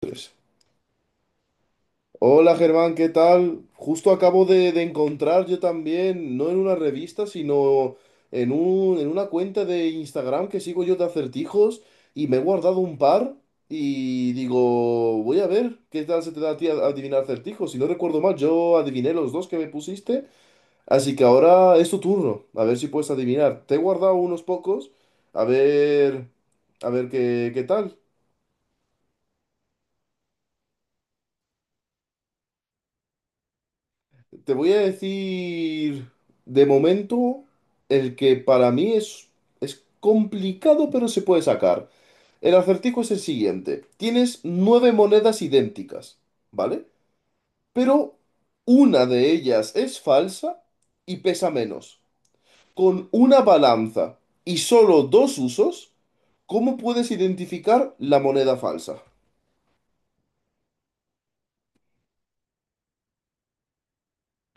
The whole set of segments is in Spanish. Pues. Hola Germán, ¿qué tal? Justo acabo de encontrar yo también, no en una revista, sino en una cuenta de Instagram que sigo yo de acertijos y me he guardado un par y digo, voy a ver qué tal se te da a ti adivinar acertijos. Si no recuerdo mal, yo adiviné los dos que me pusiste, así que ahora es tu turno, a ver si puedes adivinar. Te he guardado unos pocos, a ver, a ver qué tal. Te voy a decir, de momento, el que para mí es complicado, pero se puede sacar. El acertijo es el siguiente. Tienes nueve monedas idénticas, ¿vale? Pero una de ellas es falsa y pesa menos. Con una balanza y solo dos usos, ¿cómo puedes identificar la moneda falsa?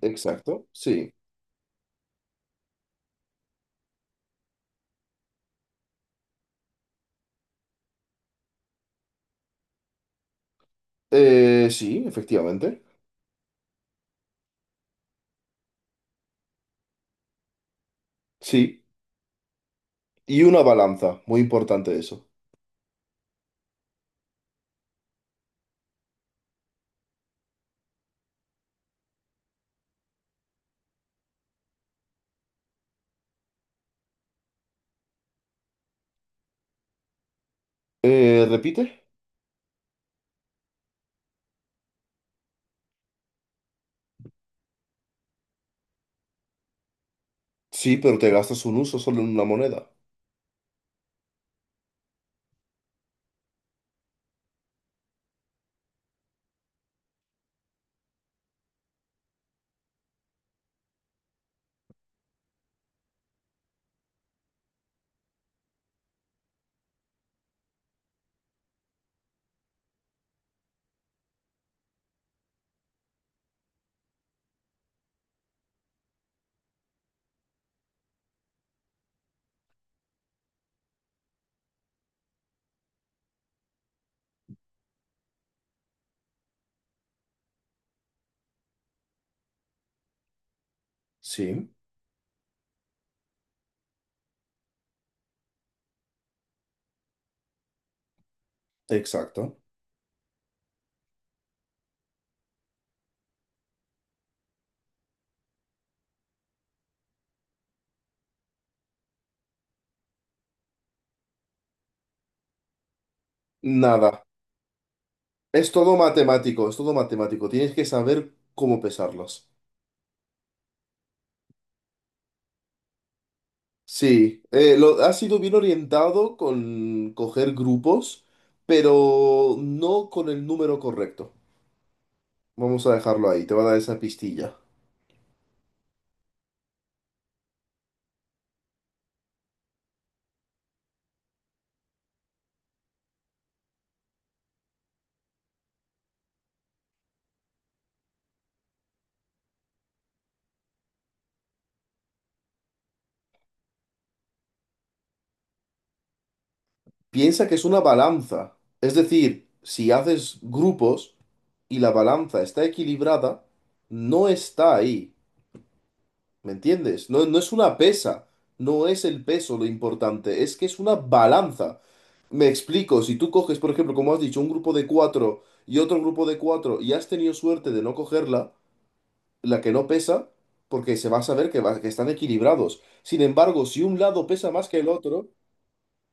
Exacto, sí. Sí, efectivamente. Sí. Y una balanza, muy importante eso. ¿Repite? Sí, pero te gastas un uso solo en una moneda. Sí, exacto. Nada. Es todo matemático, es todo matemático. Tienes que saber cómo pesarlas. Sí, ha sido bien orientado con coger grupos, pero no con el número correcto. Vamos a dejarlo ahí, te va a dar esa pistilla. Piensa que es una balanza. Es decir, si haces grupos y la balanza está equilibrada, no está ahí. ¿Me entiendes? No, no es una pesa, no es el peso lo importante, es que es una balanza. Me explico, si tú coges, por ejemplo, como has dicho, un grupo de cuatro y otro grupo de cuatro y has tenido suerte de no cogerla, la que no pesa, porque se va a saber que están equilibrados. Sin embargo, si un lado pesa más que el otro,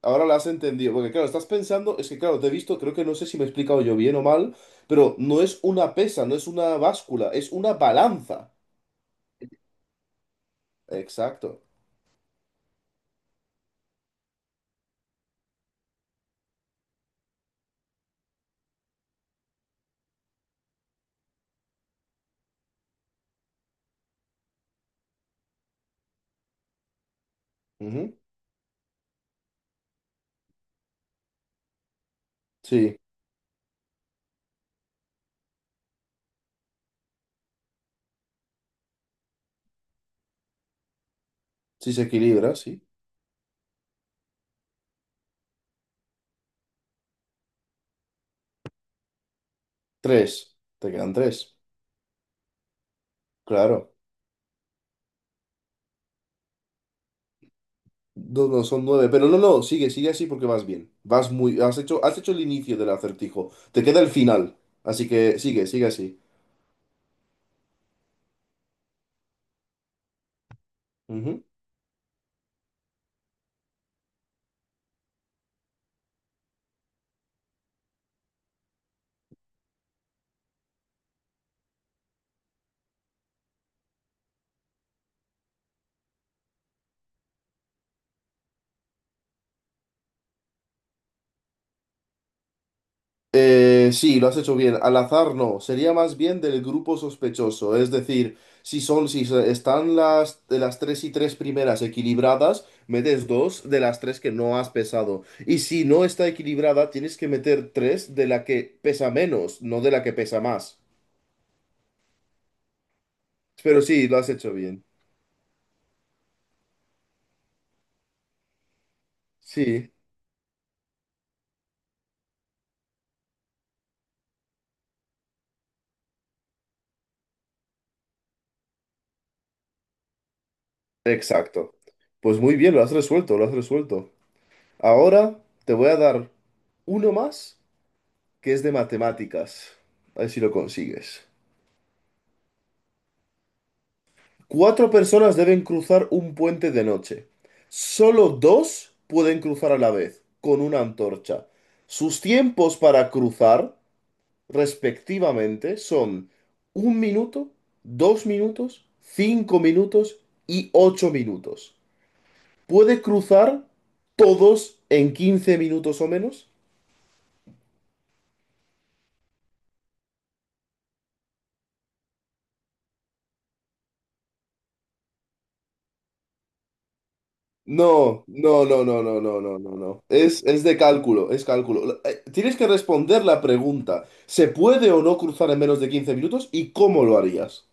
ahora la has entendido, porque claro, estás pensando, es que claro, te he visto, creo que no sé si me he explicado yo bien o mal, pero no es una pesa, no es una báscula, es una balanza. Exacto. Ujú. Sí. Si se equilibra, sí. Tres. Te quedan tres. Claro. No, no, son nueve. Pero no, no, sigue, sigue así porque vas bien. Vas muy. Has hecho el inicio del acertijo. Te queda el final. Así que sigue, sigue así. Ujú. Sí, lo has hecho bien. Al azar no, sería más bien del grupo sospechoso. Es decir, si son, si se- están las de las tres y tres primeras equilibradas, metes dos de las tres que no has pesado. Y si no está equilibrada, tienes que meter tres de la que pesa menos, no de la que pesa más. Pero sí, lo has hecho bien. Sí, exacto. Pues muy bien, lo has resuelto, lo has resuelto. Ahora te voy a dar uno más que es de matemáticas. A ver si lo consigues. Cuatro personas deben cruzar un puente de noche. Solo dos pueden cruzar a la vez, con una antorcha. Sus tiempos para cruzar, respectivamente, son 1 minuto, 2 minutos, 5 minutos y 8 minutos. ¿Puede cruzar todos en 15 minutos o menos? No, no, no, no, no, no, no, no, no. Es de cálculo, es cálculo. Tienes que responder la pregunta. ¿Se puede o no cruzar en menos de 15 minutos y cómo lo harías?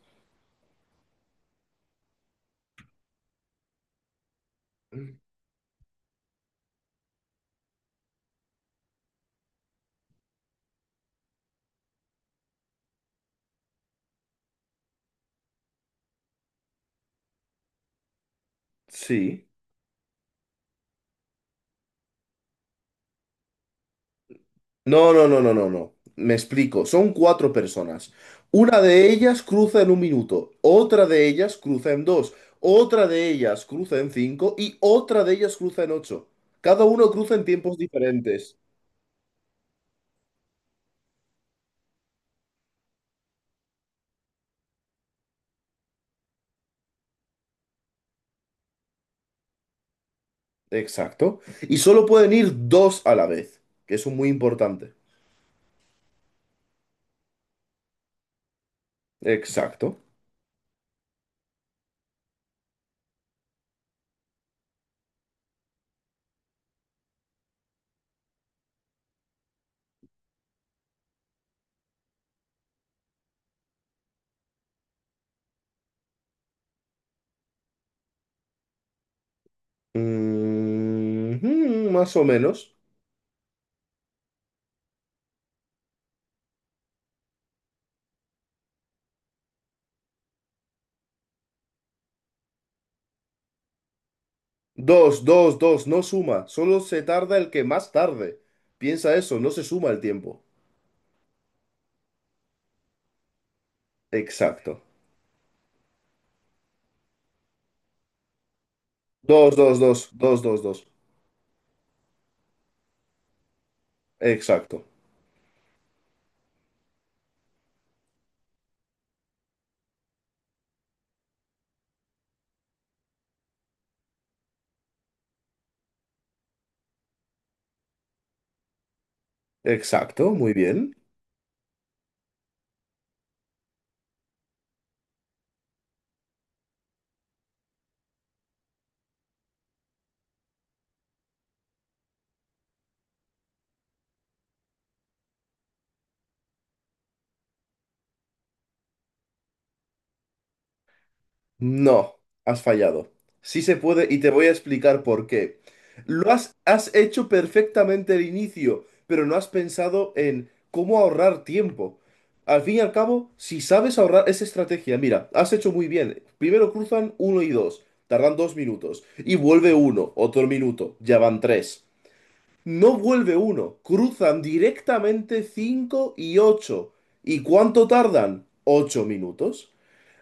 Sí. No, no, no, no, no, no. Me explico. Son cuatro personas. Una de ellas cruza en un minuto, otra de ellas cruza en dos, otra de ellas cruza en cinco y otra de ellas cruza en ocho. Cada uno cruza en tiempos diferentes. Exacto. Y solo pueden ir dos a la vez, que eso es muy importante. Exacto. Ujú, más o menos. Dos, dos, dos, no suma. Solo se tarda el que más tarde. Piensa eso, no se suma el tiempo. Exacto. Dos, dos, dos, dos, dos, dos. Exacto. Exacto, muy bien. No, has fallado. Sí se puede y te voy a explicar por qué. Lo has hecho perfectamente el inicio, pero no has pensado en cómo ahorrar tiempo. Al fin y al cabo, si sabes ahorrar esa estrategia, mira, has hecho muy bien. Primero cruzan uno y dos, tardan 2 minutos, y vuelve uno, otro minuto, ya van tres. No vuelve uno, cruzan directamente cinco y ocho. ¿Y cuánto tardan? 8 minutos.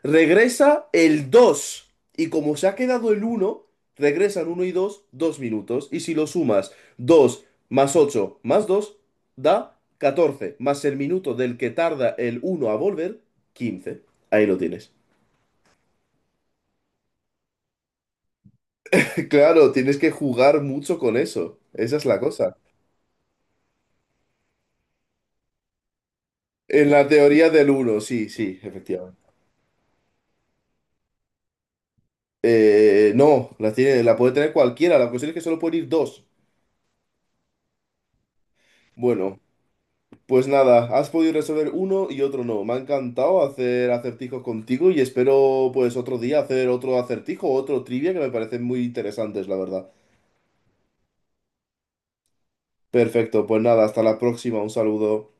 Regresa el dos. Y como se ha quedado el uno, regresan uno y dos, 2 minutos. Y si lo sumas, 2 más 8 más 2 da 14 más el minuto del que tarda el uno a volver, 15. Ahí lo tienes. Claro, tienes que jugar mucho con eso. Esa es la cosa. En la teoría del uno sí, sí, efectivamente. No, la tiene, la puede tener cualquiera. La cuestión es que solo pueden ir dos. Bueno. Pues nada, has podido resolver uno y otro no. Me ha encantado hacer acertijos contigo y espero pues otro día hacer otro acertijo, otro trivia que me parecen muy interesantes, la verdad. Perfecto, pues nada, hasta la próxima, un saludo.